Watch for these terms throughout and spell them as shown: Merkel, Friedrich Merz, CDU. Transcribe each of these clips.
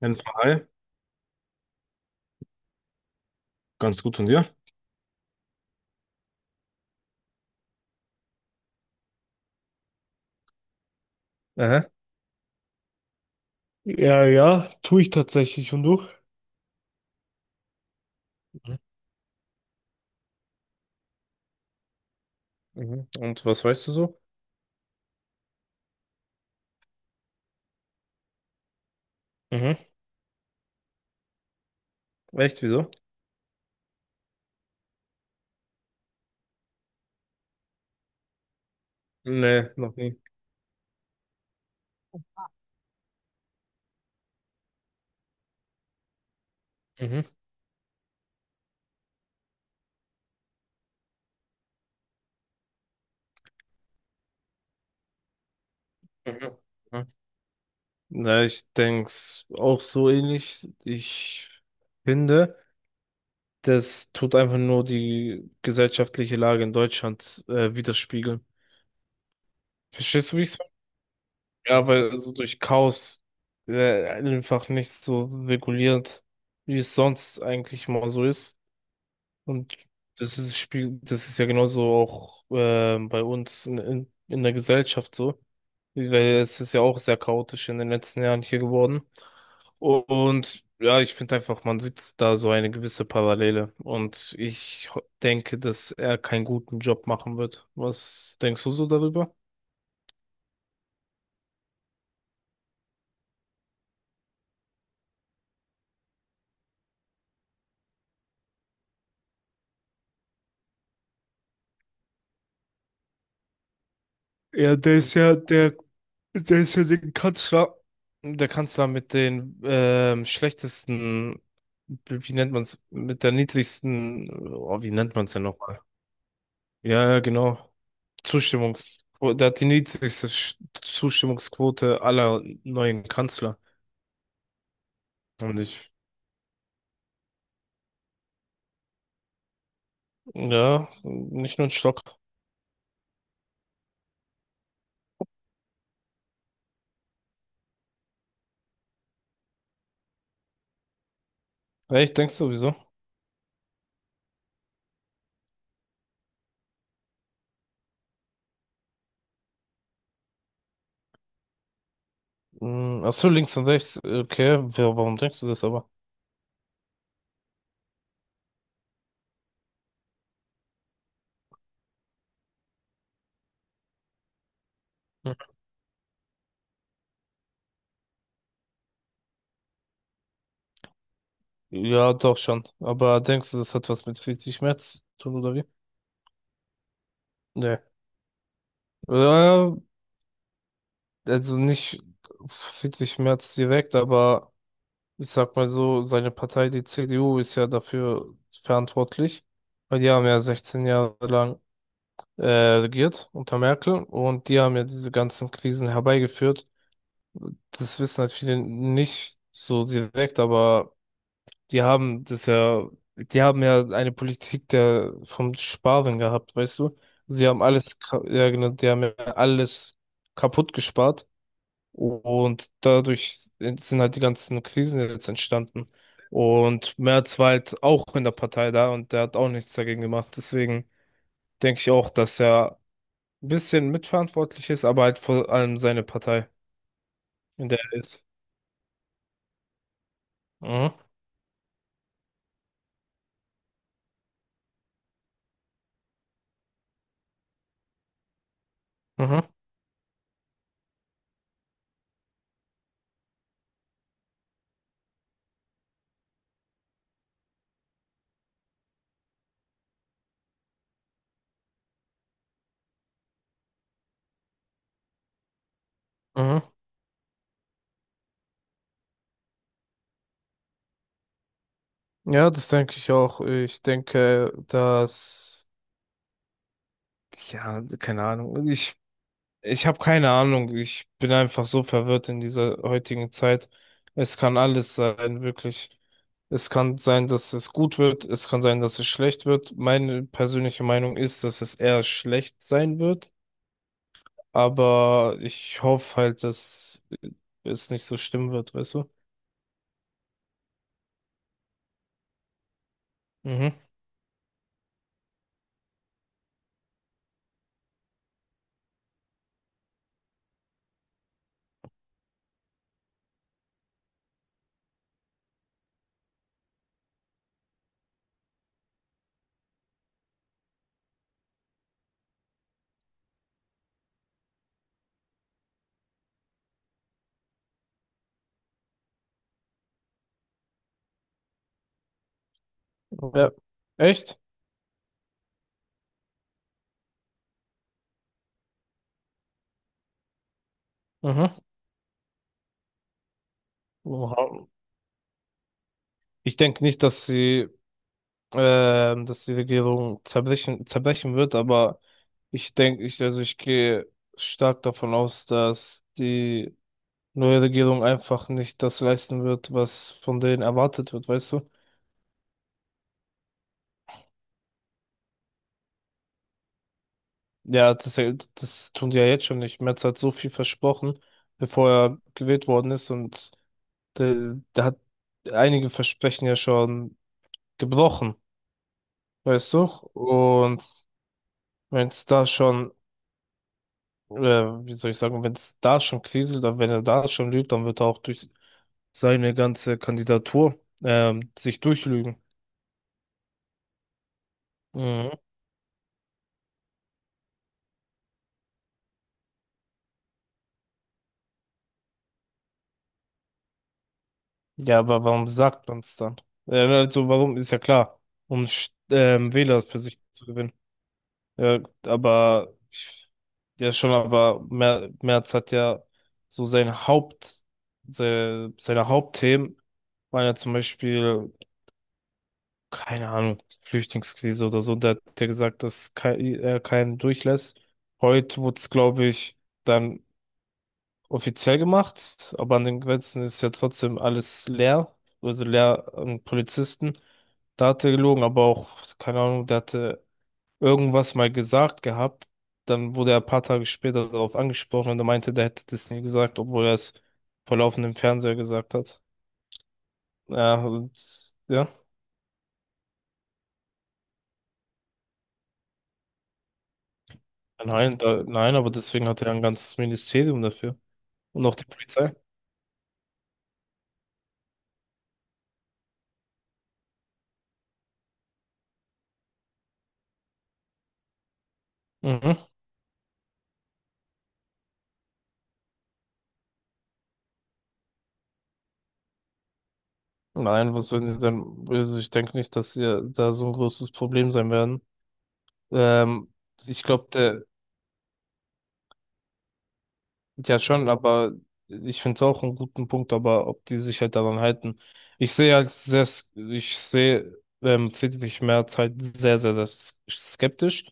Jens, hi, ganz gut von dir. Aha. Ja, ja, tue ich tatsächlich. Und du? Mhm. Mhm. Und was weißt du so? Mhm. Echt, wieso? Nee, noch nie. Mhm. Mhm. Mhm. Na, ich denk's auch so ähnlich. Ich finde, das tut einfach nur die gesellschaftliche Lage in Deutschland widerspiegeln. Verstehst du, wie ich's meine? Ja, weil so durch Chaos einfach nicht so reguliert, wie es sonst eigentlich mal so ist. Und das ist ja genauso auch bei uns in der Gesellschaft so, weil es ist ja auch sehr chaotisch in den letzten Jahren hier geworden. Und ja, ich finde einfach, man sieht da so eine gewisse Parallele. Und denke, dass er keinen guten Job machen wird. Was denkst du so darüber? Ja, der ist ja, der Deswegen kannst du da, da kannst du mit den schlechtesten, wie nennt man es, mit der niedrigsten, oh, wie nennt man es denn nochmal? Ja, ja, genau. Der hat die Zustimmungsquote aller neuen Kanzler. Und ich, ja, nicht nur ein Stock. Ja, ich denke sowieso. Hm. Ach so, links und rechts. Okay, warum denkst du das aber? Hm. Ja, doch schon. Aber denkst du, das hat was mit Friedrich Merz zu tun, oder wie? Nee. Ja, also nicht 40 März direkt, aber ich sag mal so, seine Partei, die CDU, ist ja dafür verantwortlich, weil die haben ja 16 Jahre lang äh, regiert unter Merkel und die haben ja diese ganzen Krisen herbeigeführt. Das wissen halt viele nicht so direkt, aber die haben das ja, die haben ja eine Politik der vom Sparen gehabt, weißt du? Sie haben alles, ja genau, die haben ja alles kaputt gespart. Und dadurch sind halt die ganzen Krisen jetzt entstanden. Und Merz war halt auch in der Partei da und der hat auch nichts dagegen gemacht. Deswegen denke ich auch, dass er ein bisschen mitverantwortlich ist, aber halt vor allem seine Partei, in der er ist. Mhm. Mhm. Mhm. Ja, das denke ich auch. Ja, keine Ahnung. Ich habe keine Ahnung. Ich bin einfach so verwirrt in dieser heutigen Zeit. Es kann alles sein, wirklich. Es kann sein, dass es gut wird. Es kann sein, dass es schlecht wird. Meine persönliche Meinung ist, dass es eher schlecht sein wird. Aber ich hoffe halt, dass es nicht so schlimm wird, weißt du? Mhm. Ja. Echt? Mhm. Oha. Ich denke nicht, dass sie dass die Regierung zerbrechen wird, aber also ich gehe stark davon aus, dass die neue Regierung einfach nicht das leisten wird, was von denen erwartet wird, weißt du? Ja, das, das tun die ja jetzt schon nicht. Merz hat so viel versprochen, bevor er gewählt worden ist und der hat einige Versprechen ja schon gebrochen, weißt du? Und wenn es da schon äh, wie soll ich sagen, wenn es da schon kriselt, dann wenn er da schon lügt, dann wird er auch durch seine ganze Kandidatur sich durchlügen. Mhm. Ja, aber warum sagt man es dann? Also warum ist ja klar, um Wähler für sich zu gewinnen. Ja, aber ich- ja schon, aber Merz hat ja so sein Haupt, seine Hauptthemen waren ja zum Beispiel keine Ahnung, Flüchtlingskrise oder so, da hat der gesagt, dass kein, er keinen durchlässt. Heute wurde es, glaube ich, dann offiziell gemacht, aber an den Grenzen ist ja trotzdem alles leer, also leer an Polizisten. Da hat er gelogen, aber auch, keine Ahnung, der hatte irgendwas mal gesagt gehabt. Dann wurde er ein paar Tage später darauf angesprochen und er meinte, der hätte das nie gesagt, obwohl er es vor laufendem Fernseher gesagt hat. Ja, und, ja. Nein, aber deswegen hat er ein ganzes Ministerium dafür. Und auch die Polizei. Mhm. Nein, was soll denn, also ich denke nicht, dass ihr da so ein großes Problem sein werden. Ähm, ich glaube, der, ja schon, aber ich finde es auch einen guten Punkt, aber ob die sich halt daran halten. Ich sehe Friedrich Merz halt sehr, sehr, skeptisch.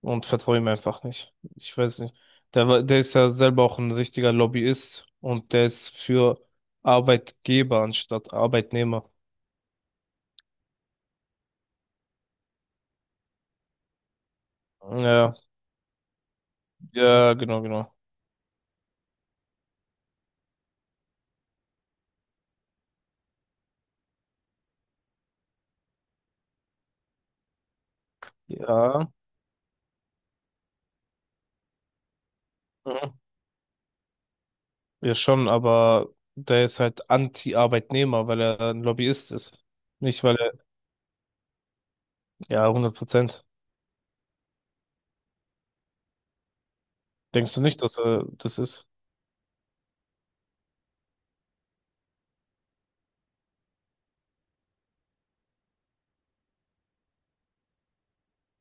Und vertraue ihm einfach nicht. Ich weiß nicht. Der ist ja selber auch ein richtiger Lobbyist und der ist für Arbeitgeber anstatt Arbeitnehmer. Ja, ja, genau, genau. Ja, mhm. Ja schon, aber der ist halt Anti-Arbeitnehmer, weil er ein Lobbyist ist. Nicht, weil er, ja, 100%. Denkst du nicht, dass er das ist?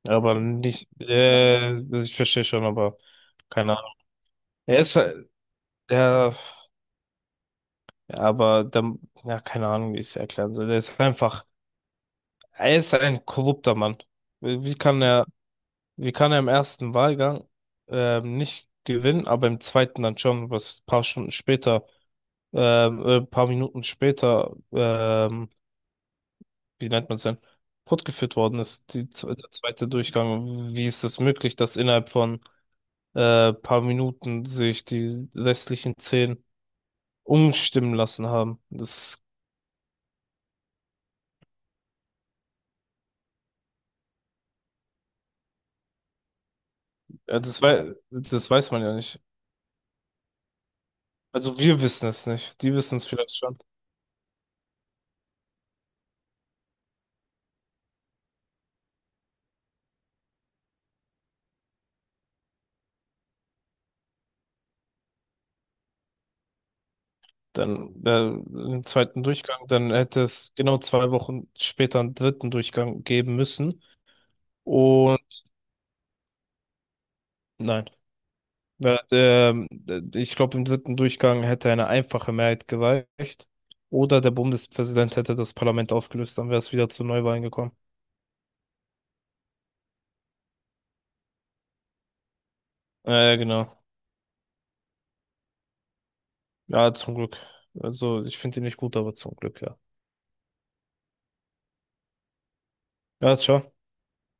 Aber nicht, ich verstehe schon, aber keine Ahnung. Er ist halt, ja. Aber dann, ja, keine Ahnung, wie ich es erklären soll. Er ist ein korrupter Mann. Wie wie kann er, wie kann er im ersten Wahlgang nicht gewinnen, aber im zweiten dann schon, was ein paar Stunden später, ein paar Minuten später, wie nennt man es denn, fortgeführt worden ist, der zweite Durchgang. Wie ist es möglich, dass innerhalb von paar Minuten sich die restlichen 10 umstimmen lassen haben? Das weiß man ja nicht. Also wir wissen es nicht. Die wissen es vielleicht schon. Dann im zweiten Durchgang, dann hätte es genau 2 Wochen später einen dritten Durchgang geben müssen. Und nein. Weil, ich glaube, im dritten Durchgang hätte eine einfache Mehrheit gereicht. Oder der Bundespräsident hätte das Parlament aufgelöst, dann wäre es wieder zu Neuwahlen gekommen. Ja, genau. Ja, zum Glück. Also ich finde ihn nicht gut, aber zum Glück, ja. Ja, ciao.